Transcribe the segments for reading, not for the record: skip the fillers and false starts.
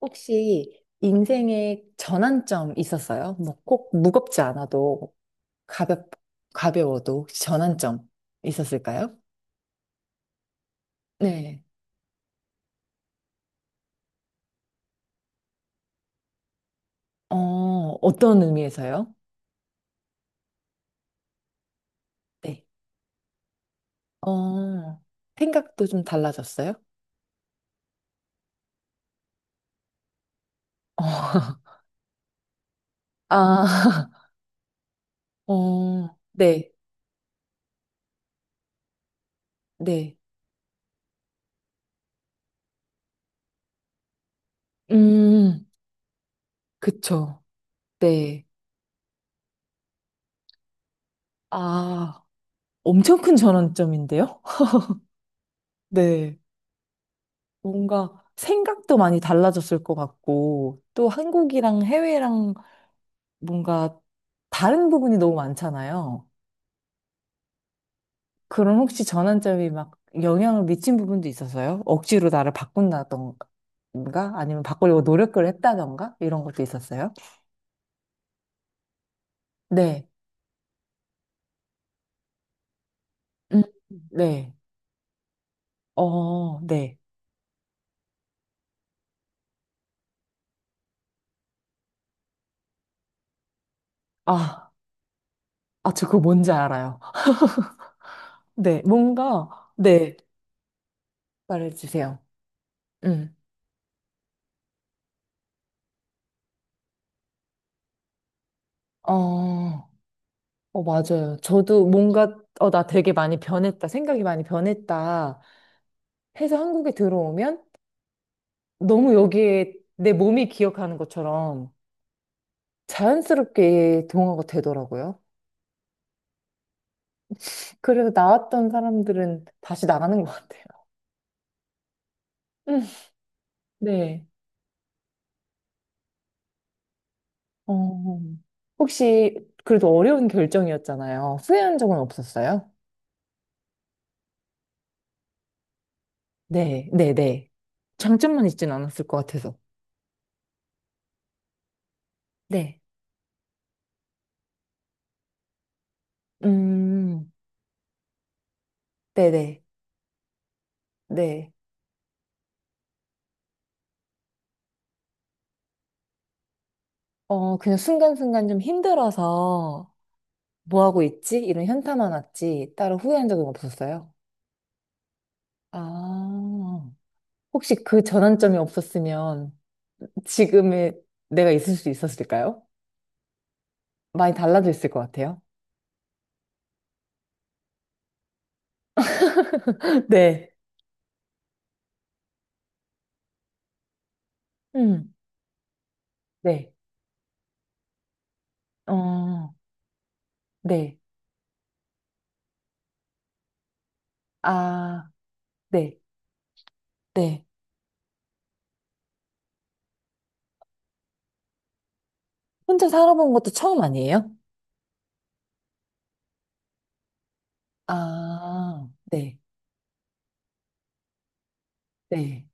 혹시 인생의 전환점 있었어요? 뭐 꼭 무겁지 않아도 가볍, 가벼워도 혹시 전환점 있었을까요? 네. 어, 어떤 의미에서요? 네. 어, 생각도 좀 달라졌어요? 어, 아, 어, 네, 네. 음, 그쵸. 네. 아, 엄청 큰 전환점인데요? 네. 뭔가 생각도 많이 달라졌을 것 같고, 또 한국이랑 해외랑 뭔가 다른 부분이 너무 많잖아요. 그럼 혹시 전환점이 막 영향을 미친 부분도 있었어요? 억지로 나를 바꾼다던가, 아니면 바꾸려고 노력을 했다던가, 이런 것도 있었어요? 네. 음, 네. 어, 네. 아, 아, 저 그거 뭔지 알아요. 네. 뭔가, 네. 말해주세요. 음. 어. 맞아요. 저도 뭔가, 나 되게 많이 변했다. 생각이 많이 변했다. 해서 한국에 들어오면 너무 여기에 내 몸이 기억하는 것처럼 자연스럽게 동화가 되더라고요. 그래서 나왔던 사람들은 다시 나가는 것 같아요. 음, 네. 어, 혹시 그래도 어려운 결정이었잖아요. 후회한 적은 없었어요? 네, 네, 네. 장점만 있진 않았을 것 같아서. 네. 음, 네네. 네. 그냥 순간순간 좀 힘들어서 뭐 하고 있지? 이런 현타만 왔지. 따로 후회한 적은 없었어요. 아, 혹시 그 전환점이 없었으면 지금의 내가 있을 수 있었을까요? 많이 달라져 있을 것 같아요. 네. 음, 네. 어, 네. 아, 네. 네. 혼자 살아본 것도 처음 아니에요? 아, 네. 네.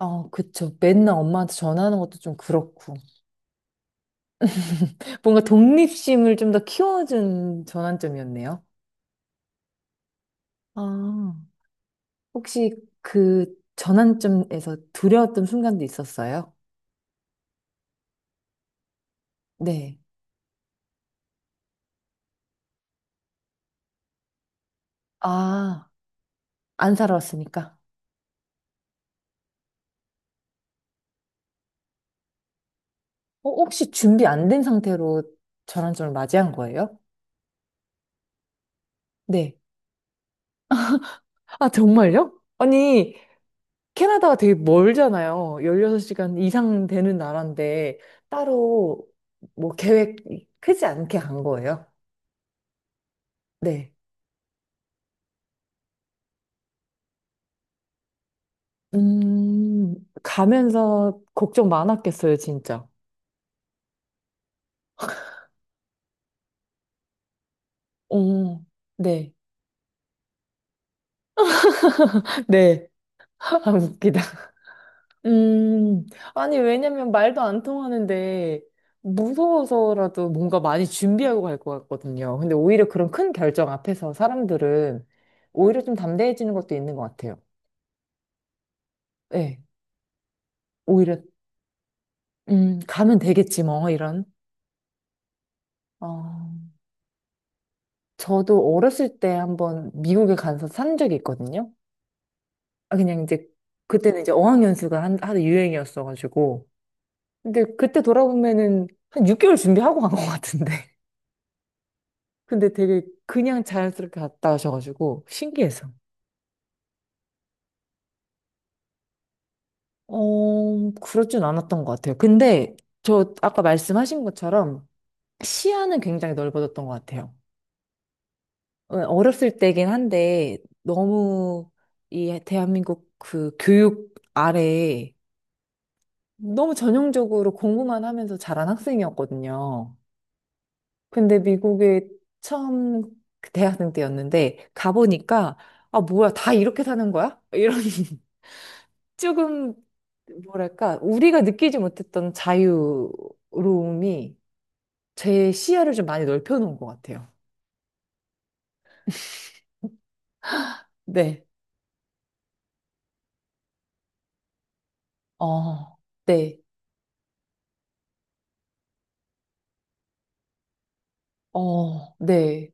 어, 그쵸. 맨날 엄마한테 전화하는 것도 좀 그렇고. 뭔가 독립심을 좀 더 키워준 전환점이었네요. 아, 혹시 그 전환점에서 두려웠던 순간도 있었어요? 네. 아, 안 살아왔으니까. 어, 혹시 준비 안 된 상태로 전환점을 맞이한 거예요? 네. 아, 정말요? 아니, 캐나다가 되게 멀잖아요. 16시간 이상 되는 나라인데, 따로 뭐 계획 크지 않게 간 거예요? 네. 음, 가면서 걱정 많았겠어요, 진짜. 어, 네. 네. 아, 웃기다. 음, 아니, 왜냐면 말도 안 통하는데, 무서워서라도 뭔가 많이 준비하고 갈 것 같거든요. 근데 오히려 그런 큰 결정 앞에서 사람들은 오히려 좀 담대해지는 것도 있는 것 같아요. 네. 오히려, 가면 되겠지, 뭐, 이런. 어, 저도 어렸을 때 한번 미국에 가서 산 적이 있거든요. 아, 그냥 이제 그때는 이제 어학연수가 하도 유행이었어가지고. 근데 그때 돌아보면은 한 6개월 준비하고 간 것 같은데. 근데 되게 그냥 자연스럽게 갔다 오셔가지고 신기해서. 그렇진 않았던 것 같아요. 근데 저 아까 말씀하신 것처럼 시야는 굉장히 넓어졌던 것 같아요. 어, 어렸을 때긴 한데 너무 이 대한민국 그 교육 아래 너무 전형적으로 공부만 하면서 자란 학생이었거든요. 근데 미국에 처음 그 대학생 때였는데 가보니까 아 뭐야 다 이렇게 사는 거야? 이런 조금 뭐랄까 우리가 느끼지 못했던 자유로움이 제 시야를 좀 많이 넓혀놓은 것 같아요. 네. 어, 네, 어, 네.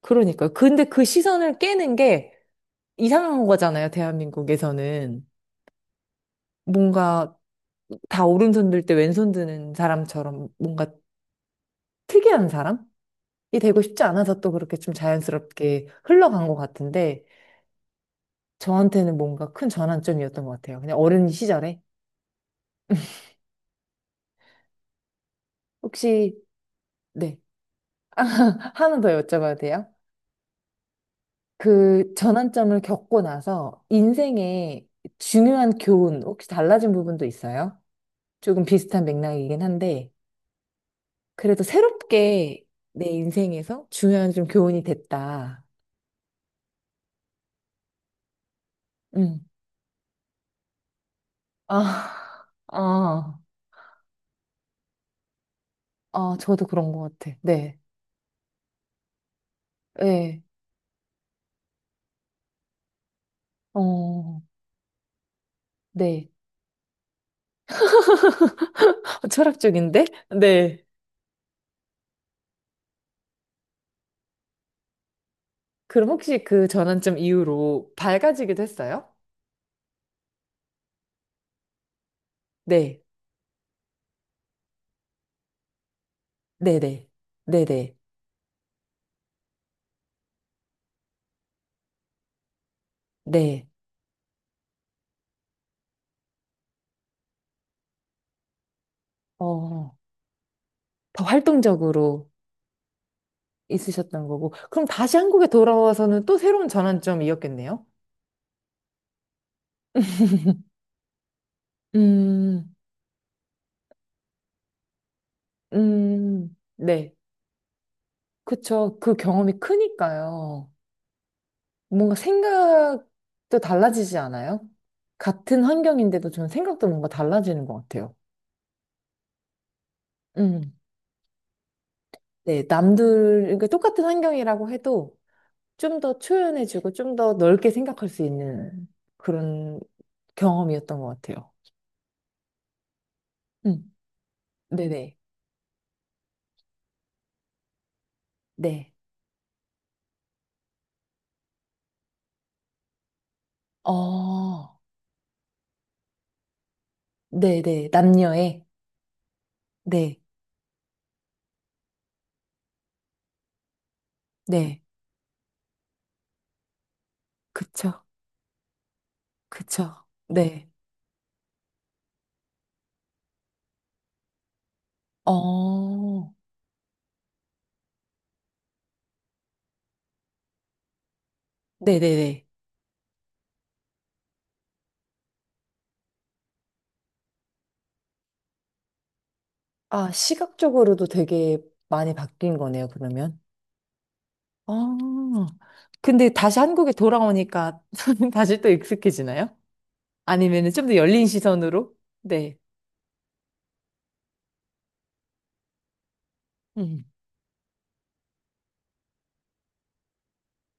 그러니까요. 근데 그 시선을 깨는 게 이상한 거잖아요, 대한민국에서는. 뭔가 다 오른손 들 때 왼손 드는 사람처럼 뭔가 특이한 사람? 이 되고 싶지 않아서 또 그렇게 좀 자연스럽게 흘러간 것 같은데 저한테는 뭔가 큰 전환점이었던 것 같아요. 그냥 어린 시절에 혹시 네 하나 더 여쭤봐도 돼요? 그 전환점을 겪고 나서 인생의 중요한 교훈 혹시 달라진 부분도 있어요? 조금 비슷한 맥락이긴 한데 그래도 새롭게 내 인생에서 중요한 좀 교훈이 됐다. 음. 아, 아, 아, 저도 그런 것 같아. 네, 네, 어, 네. 어, 철학적인데? 네. 그럼 혹시 그 전환점 이후로 밝아지기도 했어요? 네. 네네. 네네. 네. 어, 더 활동적으로 있으셨던 거고. 그럼 다시 한국에 돌아와서는 또 새로운 전환점이었겠네요? 음, 네. 그쵸. 그 경험이 크니까요. 뭔가 생각도 달라지지 않아요? 같은 환경인데도 저는 생각도 뭔가 달라지는 것 같아요. 음. 네, 남들, 그러니까 똑같은 환경이라고 해도 좀 더 초연해지고 좀 더 넓게 생각할 수 있는 그런 경험이었던 것 같아요. 음, 네네. 네. 어, 네네. 남녀의. 네. 네. 그쵸. 그쵸. 네. 어, 네네네. 아, 시각적으로도 되게 많이 바뀐 거네요, 그러면. 아, 근데 다시 한국에 돌아오니까 다시 또 익숙해지나요? 아니면은 좀 더 열린 시선으로? 네. 음.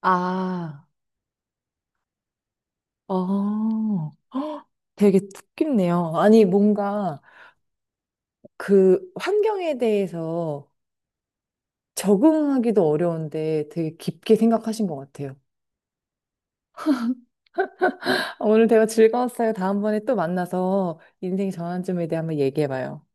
아, 어, 헉, 되게 뜻깊네요. 아니, 뭔가 그 환경에 대해서 적응하기도 어려운데 되게 깊게 생각하신 것 같아요. 오늘 대화 즐거웠어요. 다음번에 또 만나서 인생 전환점에 대해 한번 얘기해봐요.